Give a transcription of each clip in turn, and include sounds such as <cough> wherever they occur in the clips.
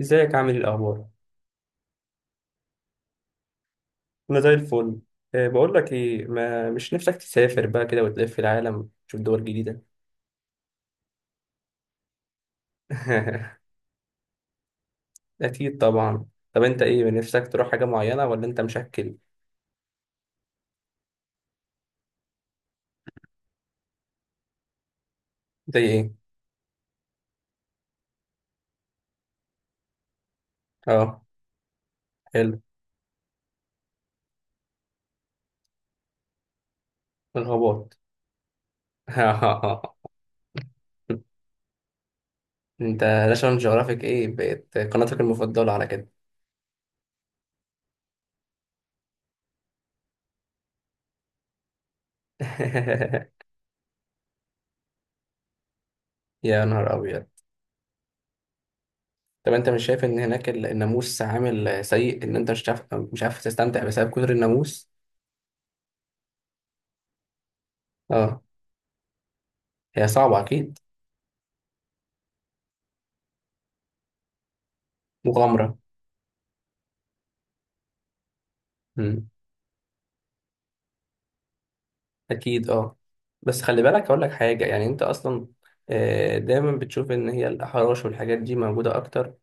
ازيك عامل ايه الاخبار؟ انا زي الفل. بقول لك ايه، ما مش نفسك تسافر بقى كده وتلف العالم تشوف دول جديده؟ <laughs> اكيد طبعا. طب انت ايه نفسك تروح حاجه معينه ولا انت مشكل؟ زي ايه؟ اه، حلو. الغابات. <laughs> انت ناشونال جيوغرافيك ايه بقت قناتك المفضله على كده؟ <laughs> يا نهار ابيض. طب انت مش شايف ان هناك الناموس عامل سيء، ان انت مش عارف تستمتع بسبب كتر الناموس؟ اه، هي صعبه اكيد. مغامره. مم. اكيد اه. بس خلي بالك اقول لك حاجه، يعني انت اصلا دايما بتشوف ان هي الاحراش والحاجات دي موجوده اكتر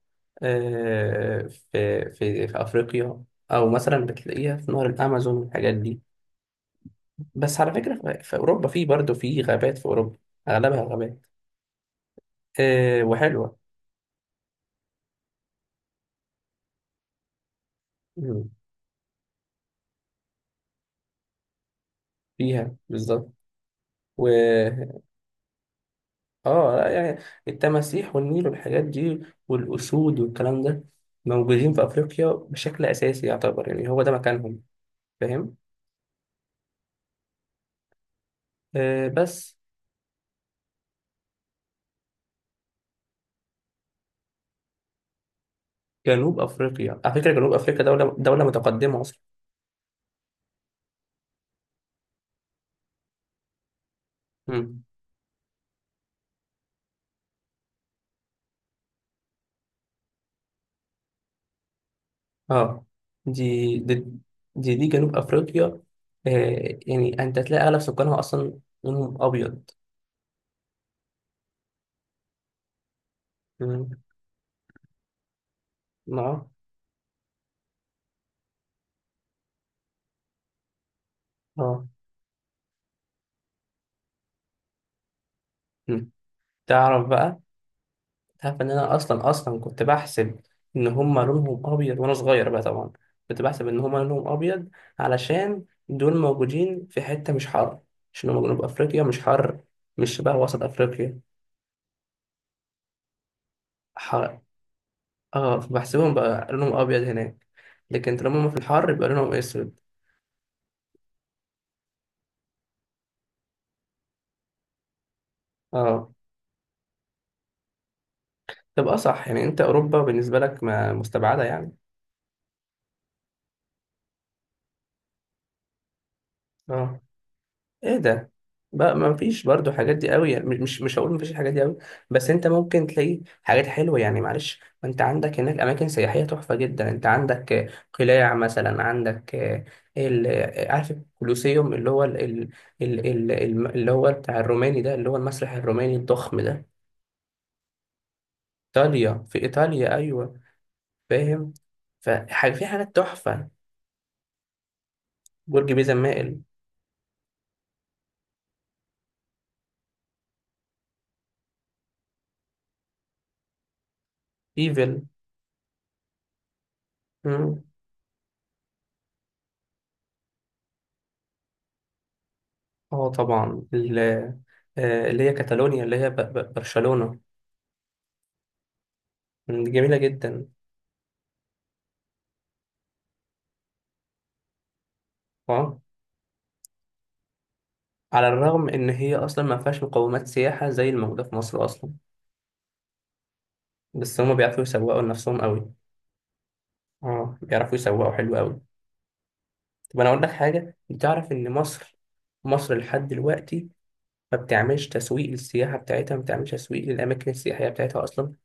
آه، في افريقيا، او مثلا بتلاقيها في نهر الامازون والحاجات دي. بس على فكره في في اوروبا، في برضه في غابات في اوروبا، اغلبها غابات وحلوه. مم. فيها بالظبط. و اه، لا يعني التماسيح والنيل والحاجات دي والاسود والكلام ده موجودين في افريقيا بشكل اساسي، يعتبر يعني هو ده مكانهم. فاهم؟ آه بس، جنوب افريقيا على فكره، جنوب افريقيا دوله متقدمه اصلا. مم. اه، دي دي دي جنوب افريقيا. يعني انت تلاقي اغلب سكانها اصلا لونهم ابيض. مم. اه، اه. مم. تعرف بقى، تعرف ان انا اصلا اصلا كنت بحسب ان هما لونهم ابيض. وانا صغير بقى طبعا كنت بحسب ان هما لونهم ابيض علشان دول موجودين في حته مش حر، عشان هما جنوب افريقيا مش حر، مش شبه وسط افريقيا. حر. اه، فبحسبهم بقى لونهم ابيض هناك، لكن طالما هما في الحر يبقى لونهم اسود. اه. تبقى صح، يعني انت اوروبا بالنسبه لك ما مستبعده يعني. اه. ايه ده بقى؟ ما فيش برضو حاجات دي قوي، يعني مش هقول ما فيش الحاجات دي قوي، بس انت ممكن تلاقي حاجات حلوه يعني معلش. ما انت عندك هناك اماكن سياحيه تحفه جدا، انت عندك قلاع مثلا، عندك آه، ال آه، عارف الكولوسيوم اللي هو اللي هو بتاع الروماني ده، اللي هو المسرح الروماني الضخم ده. ايطاليا، في ايطاليا، ايوه. فاهم؟ فحاجه في حاجات تحفه. برج بيزا مائل. ايفل. إمم. اه طبعا اللي هي كاتالونيا، اللي هي برشلونة. جميلة جدا. اه، على الرغم ان هي اصلا ما فيهاش مقومات سياحة زي الموجودة في مصر اصلا، بس هما بيعرفوا يسوقوا لنفسهم قوي. اه، بيعرفوا يسوقوا حلو قوي. طب انا اقول لك حاجة، بتعرف ان مصر، مصر لحد دلوقتي ما بتعملش تسويق للسياحة بتاعتها، ما بتعملش تسويق للأماكن السياحية بتاعتها أصلا.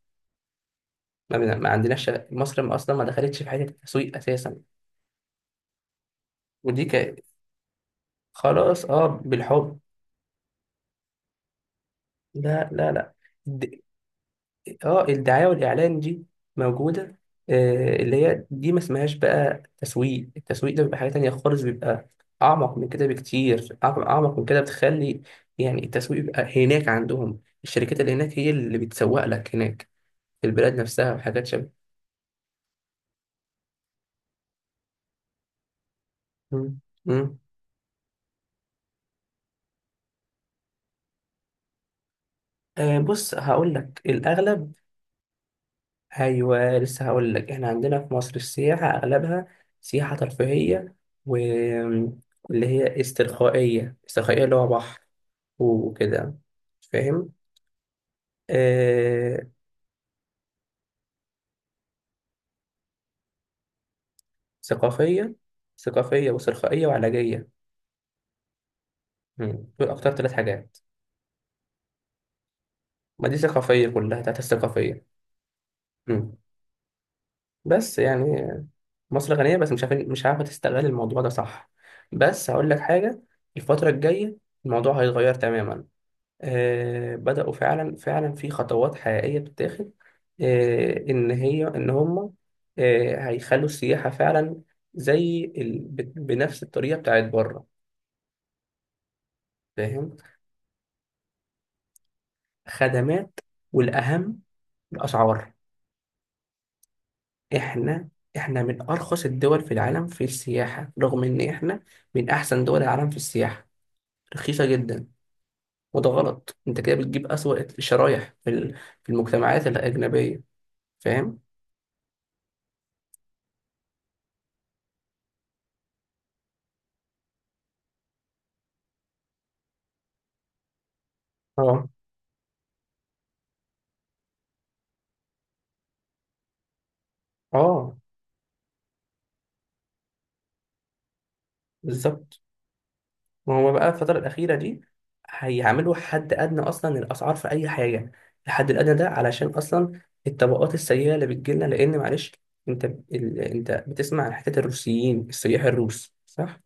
ما, بن- ما عندناش شغ- مصر ما أصلا ما دخلتش في حتة التسويق أساسا. ودي ك... خلاص، اه، بالحب. لا، لا، لا. اه، الدعاية والإعلان دي موجودة، اللي هي دي ما اسمهاش بقى تسويق. التسويق ده بيبقى حاجة تانية خالص، بيبقى أعمق من كده بكتير، أعمق من كده، بتخلي يعني التسويق بيبقى هناك عندهم. الشركات اللي هناك هي اللي بتسوق لك هناك في البلاد نفسها وحاجات شبه. مم. مم. بص، هقول لك الأغلب. أيوه، لسه هقول لك، إحنا عندنا في مصر السياحة أغلبها سياحة ترفيهية، واللي هي استرخائية، استرخائية اللي هو بحر وكده. فاهم؟ آه ثقافية، ثقافية وسلخائية وعلاجية. مم. دول أكتر ثلاث حاجات. ما دي ثقافية كلها، بتاعت الثقافية. مم. بس يعني مصر غنية، بس مش عارفين مش عارفة تستغل الموضوع ده، صح؟ بس هقول لك حاجة، الفترة الجاية الموضوع هيتغير تماما. بدأوا فعلا، فعلا في خطوات حقيقية بتتاخد. إن هم هيخلوا السياحة فعلا زي ال... بنفس الطريقة بتاعت بره. فاهم؟ خدمات. والأهم الأسعار. إحنا إحنا من أرخص الدول في العالم في السياحة، رغم إن إحنا من أحسن دول العالم في السياحة. رخيصة جدا. وده غلط، أنت كده بتجيب أسوأ الشرايح في المجتمعات الأجنبية. فاهم؟ اه، اه، بالظبط. ما هو بقى الفترة الأخيرة دي هيعملوا حد أدنى أصلا للأسعار في أي حاجة. الحد الأدنى ده علشان أصلا الطبقات السيئة اللي بتجيلنا، لأن معلش. أنت بتسمع عن حتة الروسيين، السياح الروس، صح؟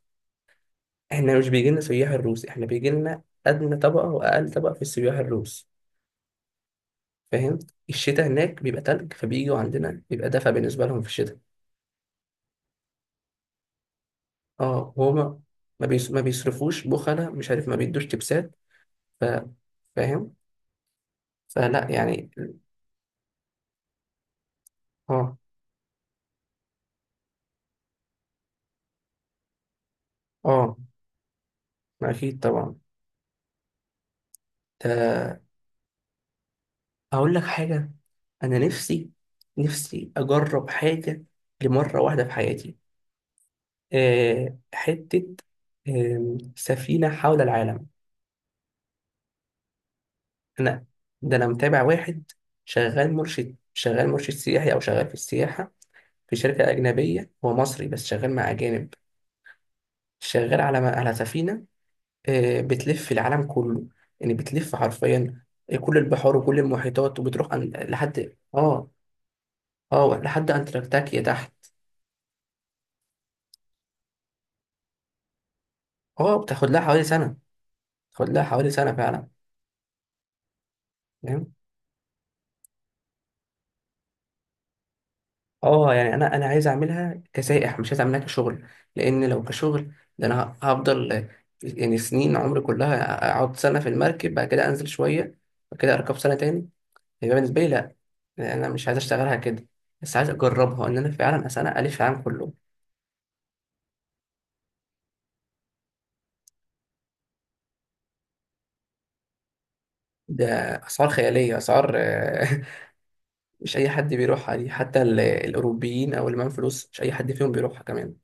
إحنا مش بيجيلنا سياح الروس، إحنا بيجيلنا أدنى طبقة وأقل طبقة في السياح الروس. فاهم؟ الشتاء هناك بيبقى تلج، فبييجوا عندنا بيبقى دفا بالنسبة لهم في الشتاء. اه، وهما ما بيصرفوش، بخلة، مش عارف ما بيدوش تبسات. ف... فاهم؟ فلا يعني. اه، اه، اكيد طبعا. ده اقول لك حاجه، انا نفسي اجرب حاجه لمره واحده في حياتي. أه حته آم، سفينه حول العالم. انا، ده انا متابع واحد شغال مرشد سياحي، او شغال في السياحه في شركه اجنبيه، هو مصري بس شغال مع اجانب، شغال على سفينه. بتلف العالم كله، يعني بتلف حرفيا كل البحار وكل المحيطات، وبتروح لحد انتاركتيكا تحت. اه، بتاخد لها حوالي سنة، بتاخد لها حوالي سنة فعلا. فاهم؟ اه، يعني انا عايز اعملها كسائح، مش عايز اعملها كشغل. لان لو كشغل ده انا هفضل يعني سنين عمري كلها، اقعد سنة في المركب بعد كده انزل شوية، بعد كده اركب سنة تاني. يبقى بالنسبة لي لا، يعني انا مش عايز اشتغلها كده، بس عايز اجربها ان انا فعلا سنة الف في العالم كله. ده اسعار خيالية، اسعار. <laughs> مش اي حد بيروحها دي، حتى الاوروبيين او اللي معاهم فلوس مش اي حد فيهم بيروحها كمان.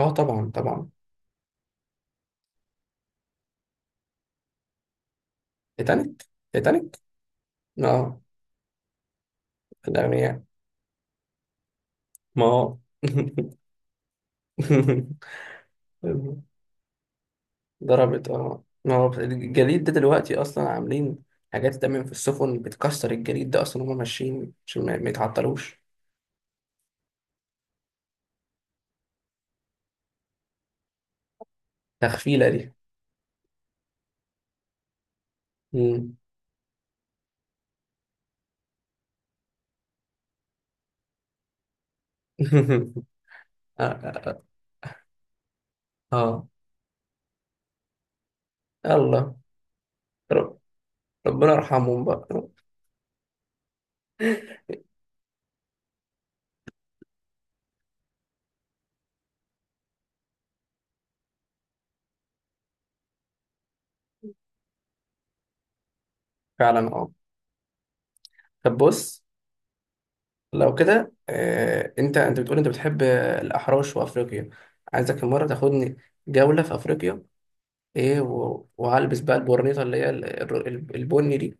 اه، طبعا طبعا. تيتانيك. تيتانيك اه، الأغنياء. ما هو. <laughs> ضربت، ما هو الجليد ده دلوقتي أصلا عاملين حاجات دايما في السفن بتكسر الجليد، ده أصلا هما ماشيين عشان ما يتعطلوش. تخفيلة دي. مم. <laughs> اه، آه. اه، يلا. رب- ربنا يرحمهم بقى. فعلا اه. طب بص، لو كده انت بتقول انت بتحب الاحراش وافريقيا، عايزك المره تاخدني جوله في افريقيا، ايه، وهلبس بقى البورنيطه اللي هي البني دي،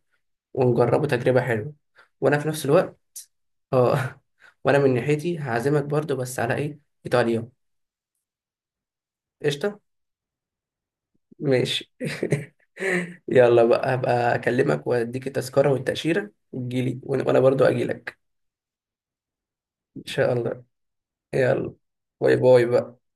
ونجربه تجربه حلوه، وانا في نفس الوقت اه. <laughs> وانا من ناحيتي هعزمك برضو، بس على ايه؟ ايطاليا. قشطه. ماشي. <laughs> يلا بقى، هبقى اكلمك واديك التذكره والتاشيره وتجيلي، وانا برضو اجيلك ان شاء الله. يلا، باي باي بقى.